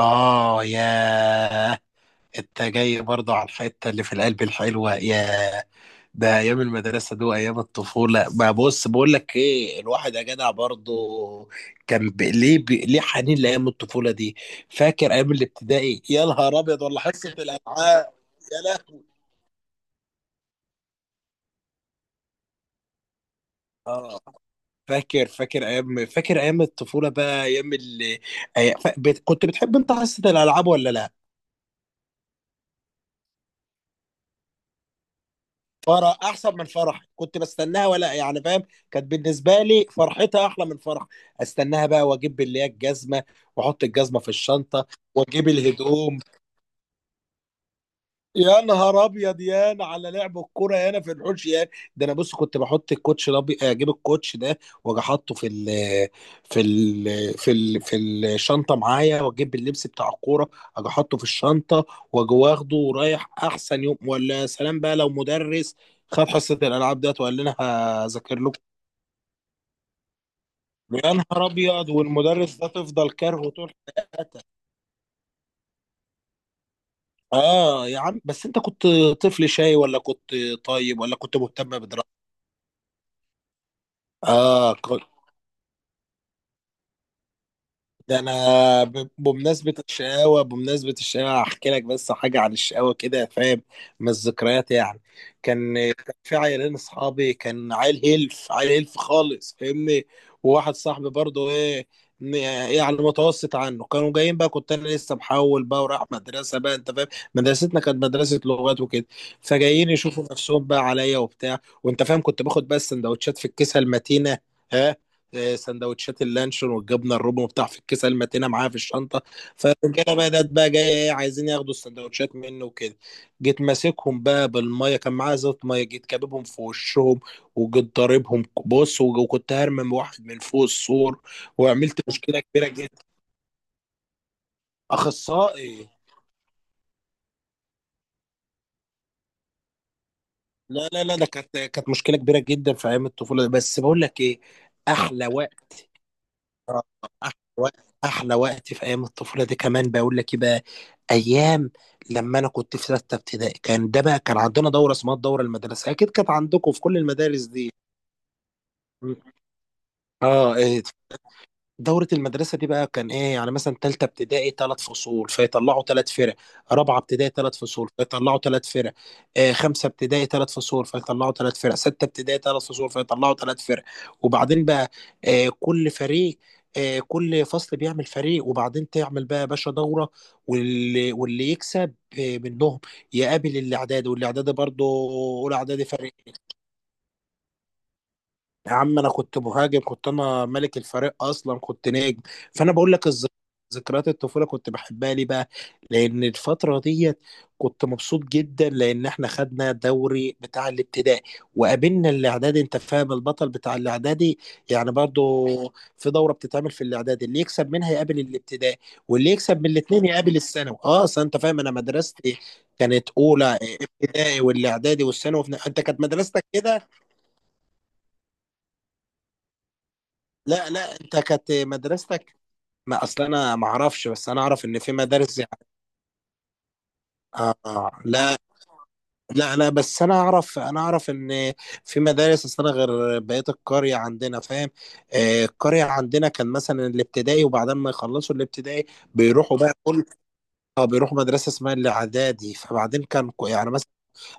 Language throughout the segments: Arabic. آه، ياه! أنت جاي برضه على الحتة اللي في القلب الحلوة. ياه، ده أيام المدرسة دي وأيام الطفولة. ما بص، بقول لك إيه، الواحد يا جدع برضه كان ليه حنين لأيام الطفولة دي. فاكر أيام الابتدائي؟ يا نهار أبيض، ولا حصة الألعاب؟ يا لهوي! آه، فاكر أيام الطفولة بقى، أيام اللي كنت بتحب أنت حصة الألعاب ولا لأ؟ فرح احسن من فرح، كنت بستناها، ولا يعني فاهم؟ كانت بالنسبه لي فرحتها احلى من فرح. استناها بقى، واجيب اللي هي الجزمه، واحط الجزمه في الشنطه، واجيب الهدوم. يا نهار ابيض! يا أنا على لعب الكوره، يا انا في الحوش، يا... ده انا بص كنت بحط الكوتش ده، اجيب الكوتش ده، واجي احطه في الشنطه معايا، واجيب اللبس بتاع الكوره، اجي احطه في الشنطه، واجي واخده ورايح. احسن يوم! ولا يا سلام بقى لو مدرس خد حصه الالعاب ديت وقال لنا: هذاكر لكم. يا نهار ابيض! والمدرس ده تفضل كارهه طول. اه يا عم، بس انت كنت طفل شاي، ولا كنت طيب، ولا كنت مهتم بدراستك؟ اه، ده انا بمناسبه الشقاوه هحكي لك بس حاجه عن الشقاوه، كده فاهم؟ من الذكريات يعني. كان في عيالين اصحابي. كان عيل هلف عيل هلف خالص، فاهمني؟ وواحد صاحبي برضه ايه، ن- يعني متوسط عنه. كانوا جايين بقى، كنت انا لسه محول بقى ورايح مدرسه، بقى انت فاهم. مدرستنا كانت مدرسه لغات وكده، فجايين يشوفوا نفسهم بقى عليا وبتاع، وانت فاهم. كنت باخد بقى السندوتشات في الكيسه المتينه. ها، سندوتشات اللانشون والجبنه الرومي وبتاع في الكيسه المتينه، معاها في الشنطه. فالرجاله بدات بقى جايه ايه، عايزين ياخدوا السندوتشات منه وكده. جيت ماسكهم بقى بالميه، كان معايا زيت ميه، جيت كاببهم في وشهم، وجيت ضاربهم بص، وكنت هرمم واحد من فوق السور، وعملت مشكله كبيره جدا. اخصائي؟ لا، لا، لا، ده كانت مشكله كبيره جدا في ايام الطفوله. بس بقول لك ايه، احلى وقت. آه، احلى وقت، احلى وقت في ايام الطفوله دي. كمان بقول لك إيه بقى، ايام لما انا كنت في سته ابتدائي. كان ده بقى كان عندنا دوره اسمها الدوره المدرسيه، اكيد كانت عندكم في كل المدارس دي. م. اه، إيه، دورة المدرسة دي بقى كان ايه؟ يعني مثلا تالتة ابتدائي تلات فصول، فيطلعوا تلات فرق. رابعة ابتدائي تلات فصول، فيطلعوا تلات فرق. آه، خمسة ابتدائي تلات فصول، فيطلعوا تلات فرق. ستة ابتدائي تلات فصول، فيطلعوا تلات فرق. وبعدين بقى، آه كل فريق كل فصل بيعمل فريق، وبعدين تعمل بقى يا باشا دورة. واللي يكسب آه منهم يقابل الإعدادي، والإعدادي برضه أولى إعدادي فريق. يا عم انا كنت مهاجم، كنت انا ملك الفريق اصلا، كنت نجم. فانا بقول لك ذكريات الطفوله كنت بحبها ليه بقى؟ لان الفتره ديت كنت مبسوط جدا، لان احنا خدنا دوري بتاع الابتدائي وقابلنا الاعدادي، انت فاهم، البطل بتاع الاعدادي. يعني برضو في دوره بتتعمل في الاعدادي، اللي يكسب منها يقابل الابتدائي، واللي يكسب من الاثنين يقابل الثانوي. اه، اصل انت فاهم، انا مدرستي كانت اولى ابتدائي والاعدادي والثانوي. انت كانت مدرستك كده؟ لا، لا، انت كانت مدرستك... ما اصل انا ما اعرفش، بس انا اعرف ان في آه، آه. لا، لا، لا، بس انا اعرف ان في مدارس... اصل انا غير بقيه القريه عندنا، فاهم؟ آه، القريه عندنا كان مثلا الابتدائي، وبعدين ما يخلصوا الابتدائي بيروحوا بقى كل... اه بيروحوا مدرسه اسمها الاعدادي. فبعدين كان يعني مثلا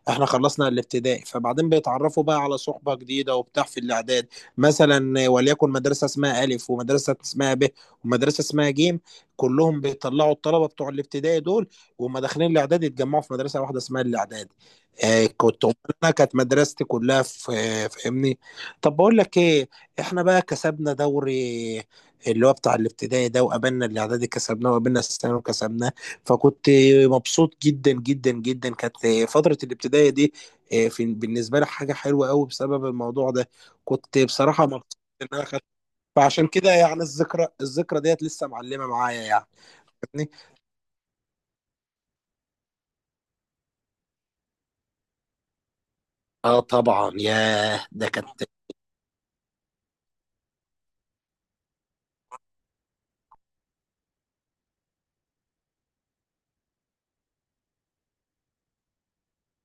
احنا خلصنا الابتدائي، فبعدين بيتعرفوا بقى على صحبة جديدة وبتاع في الاعداد. مثلا، وليكن مدرسة اسمها ألف، ومدرسة اسمها ب، ومدرسة اسمها جيم، كلهم بيطلعوا الطلبة بتوع الابتدائي دول، وهم داخلين الاعداد يتجمعوا في مدرسة واحدة اسمها الاعداد. آه، انا كانت مدرستي كلها في... فاهمني؟ طب بقول لك ايه، احنا بقى كسبنا دوري اللي هو بتاع الابتدائي ده، وقابلنا الاعدادي كسبناه، وقابلنا الثانوي كسبناه. فكنت مبسوط جدا جدا جدا. كانت فترة الابتدائية دي في بالنسبة لي حاجة حلوة قوي بسبب الموضوع ده. كنت بصراحة مبسوط ان انا خدت. فعشان كده يعني الذكرى ديت لسه معلمة معايا يعني، فاهمني؟ اه طبعا، ياه، ده كانت...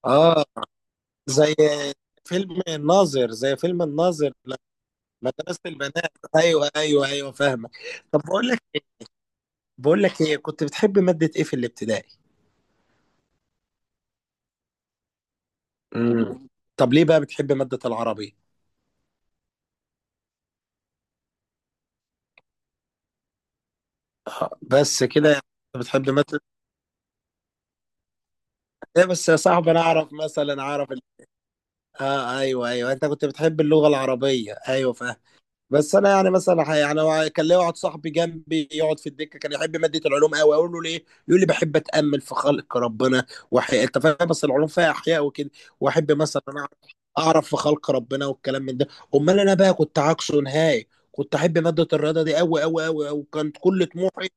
اه زي فيلم الناظر، زي فيلم الناظر؟ لا، مدرسة البنات، ايوه، ايوه، ايوه فاهمك. طب بقول لك ايه، كنت بتحب مادة ايه في الابتدائي؟ امم طب ليه بقى بتحب مادة العربي؟ بس كده يعني؟ انت بتحب مثلا ايه؟ بس يا صاحبي انا اعرف مثلا اه ايوه، ايوه، انت كنت بتحب اللغه العربيه، ايوه فاهم. بس انا يعني مثلا يعني هو كان ليا واحد صاحبي جنبي يقعد في الدكه، كان يحب ماده العلوم قوي. اقول له: ليه؟ يقول لي: بحب اتامل في خلق ربنا. انت فاهم، بس العلوم فيها احياء وكده. واحب مثلا اعرف، اعرف في خلق ربنا والكلام من ده. امال انا بقى كنت عكسه نهائي. كنت احب ماده الرياضه دي قوي قوي قوي، وكانت كل طموحي.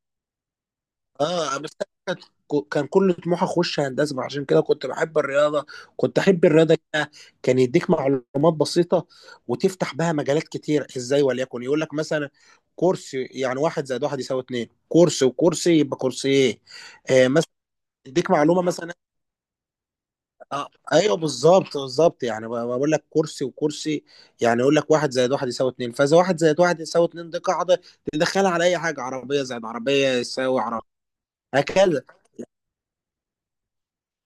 اه بس كانت- كان كل طموحي اخش هندسه، عشان كده كنت بحب الرياضه. كنت احب الرياضه كده. كان يديك معلومات بسيطه وتفتح بها مجالات كتير. ازاي؟ وليكن يقول لك مثلا: كرسي، يعني واحد زائد واحد يساوي اتنين، كرسي وكرسي يبقى كرسي ايه. آه مثلا، يديك معلومه مثلا. آه ايوه، بالظبط بالظبط، يعني بقول لك كرسي وكرسي، يعني يقول لك واحد زائد واحد يساوي اتنين، فاذا واحد زائد واحد يساوي اتنين، دي قاعده تدخلها على اي حاجه: عربيه زائد عربيه يساوي عربيه، هكذا.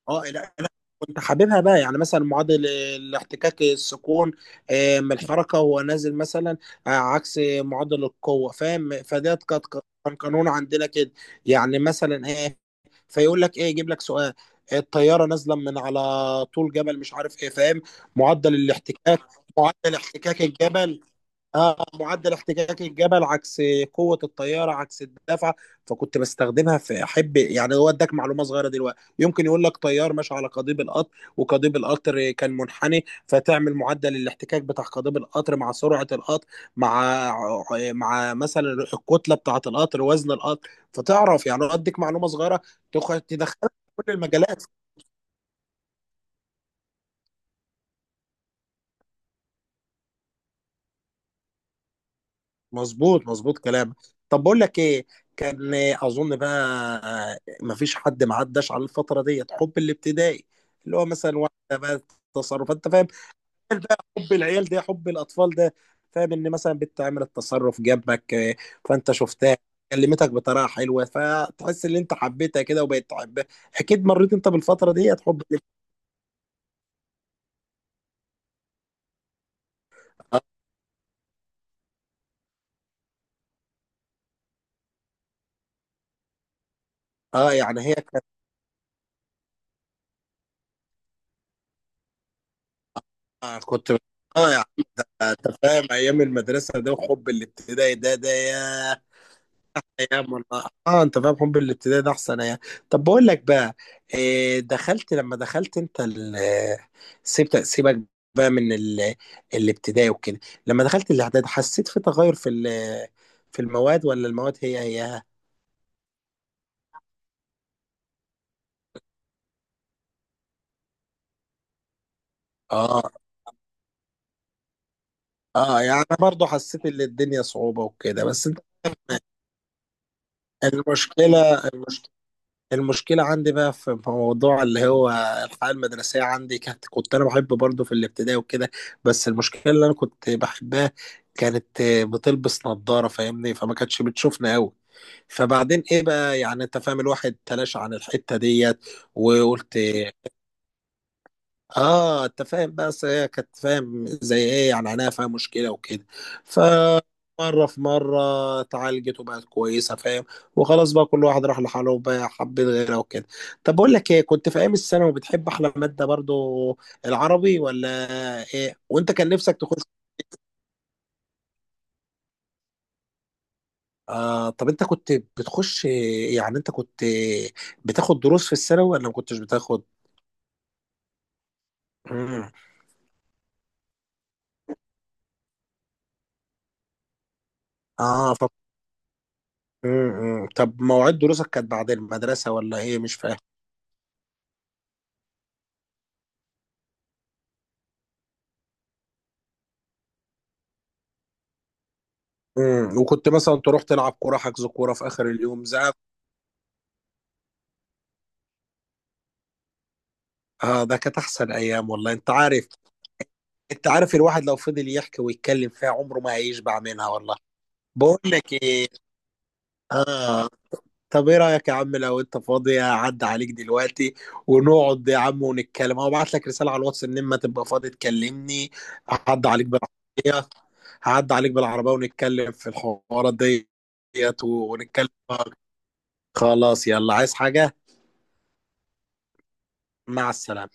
اه لا، انا كنت حاببها بقى. يعني مثلا معدل الاحتكاك السكون من الحركه وهو نازل مثلا، عكس معدل القوه، فاهم؟ كان قانون عندنا كده، يعني مثلا ايه، فيقول لك ايه، يجيب لك سؤال: الطياره نازله من على طول جبل مش عارف ايه، فاهم، معدل الاحتكاك، معدل احتكاك الجبل معدل احتكاك الجبل عكس قوه الطياره، عكس الدفع. فكنت بستخدمها في... احب يعني، هو اداك معلومه صغيره. دلوقتي يمكن يقول لك طيار ماشي على قضيب القطر، وقضيب القطر كان منحني، فتعمل معدل الاحتكاك بتاع قضيب القطر مع سرعه القطر، مع مع مثلا الكتله بتاعه القطر، وزن القطر، فتعرف. يعني هو اديك معلومه صغيره تدخلها في كل المجالات. مظبوط، مظبوط كلامك. طب بقول لك ايه، كان اظن بقى مفيش حد ما عداش على الفتره ديت، حب الابتدائي، اللي هو مثلا واحده بقى، التصرف، انت فاهم، حب العيال ده، حب الاطفال ده، فاهم، ان مثلا بنت عملت التصرف جنبك، فانت شفتها، كلمتك بطريقه حلوه، فتحس ان انت حبيتها كده، وبقيت تحبها. اكيد مريت انت بالفتره ديت، حب اه، يعني هي كانت كنت اه، يعني انت فاهم، ايام المدرسه ده وحب الابتدائي ده، ده ياه، ايام والله. اه انت فاهم، حب الابتدائي ده احسن ايام. طب بقول لك بقى إيه، دخلت انت سيبت سيبك بقى من الابتدائي وكده، لما دخلت الاعداد حسيت في تغير في المواد، ولا المواد هي هي؟ اه، اه، يعني انا برضو حسيت ان الدنيا صعوبة وكده، بس انت... المشكلة المشكلة عندي بقى في موضوع اللي هو الحياة المدرسية عندي كانت، كنت أنا بحب برضه في الابتدائي وكده، بس المشكلة اللي أنا كنت بحبها كانت بتلبس نظارة، فاهمني، فما كانتش بتشوفنا أوي. فبعدين إيه بقى، يعني أنت فاهم، الواحد تلاشى عن الحتة ديت وقلت... اه، انت فاهم بقى، اصل هي كانت فاهم زي ايه، يعني عينيها فيها مشكله وكده. فمره في مره اتعالجت وبقت كويسه، فاهم. وخلاص بقى، كل واحد راح لحاله، وبقى حبيت غيرها وكده. طب بقول لك ايه، كنت في ايام الثانوي بتحب احلى ماده برضو العربي، ولا ايه؟ وانت كان نفسك تخش... طب انت كنت بتخش، يعني انت كنت بتاخد دروس في الثانوي، ولا ما كنتش بتاخد؟ مم. اه ف... مم. مم. طب مواعيد دروسك كانت بعد المدرسه، ولا ايه؟ مش فاهم. وكنت مثلا تروح تلعب كوره، حجز كوره في اخر اليوم، زعق؟ اه، ده كانت احسن ايام والله. انت عارف، انت عارف، الواحد لو فضل يحكي ويتكلم فيها عمره ما هيشبع منها والله. بقول لك ايه، اه، طب ايه رايك يا عم، لو انت فاضي اعدي عليك دلوقتي، ونقعد يا عم ونتكلم، او ابعت لك رساله على الواتس ان اما تبقى فاضي تكلمني. هعدي عليك بالعربيه هعدي عليك بالعربيه ونتكلم في الحوارات ديت، ونتكلم. خلاص، يلا، عايز حاجه؟ مع السلامه.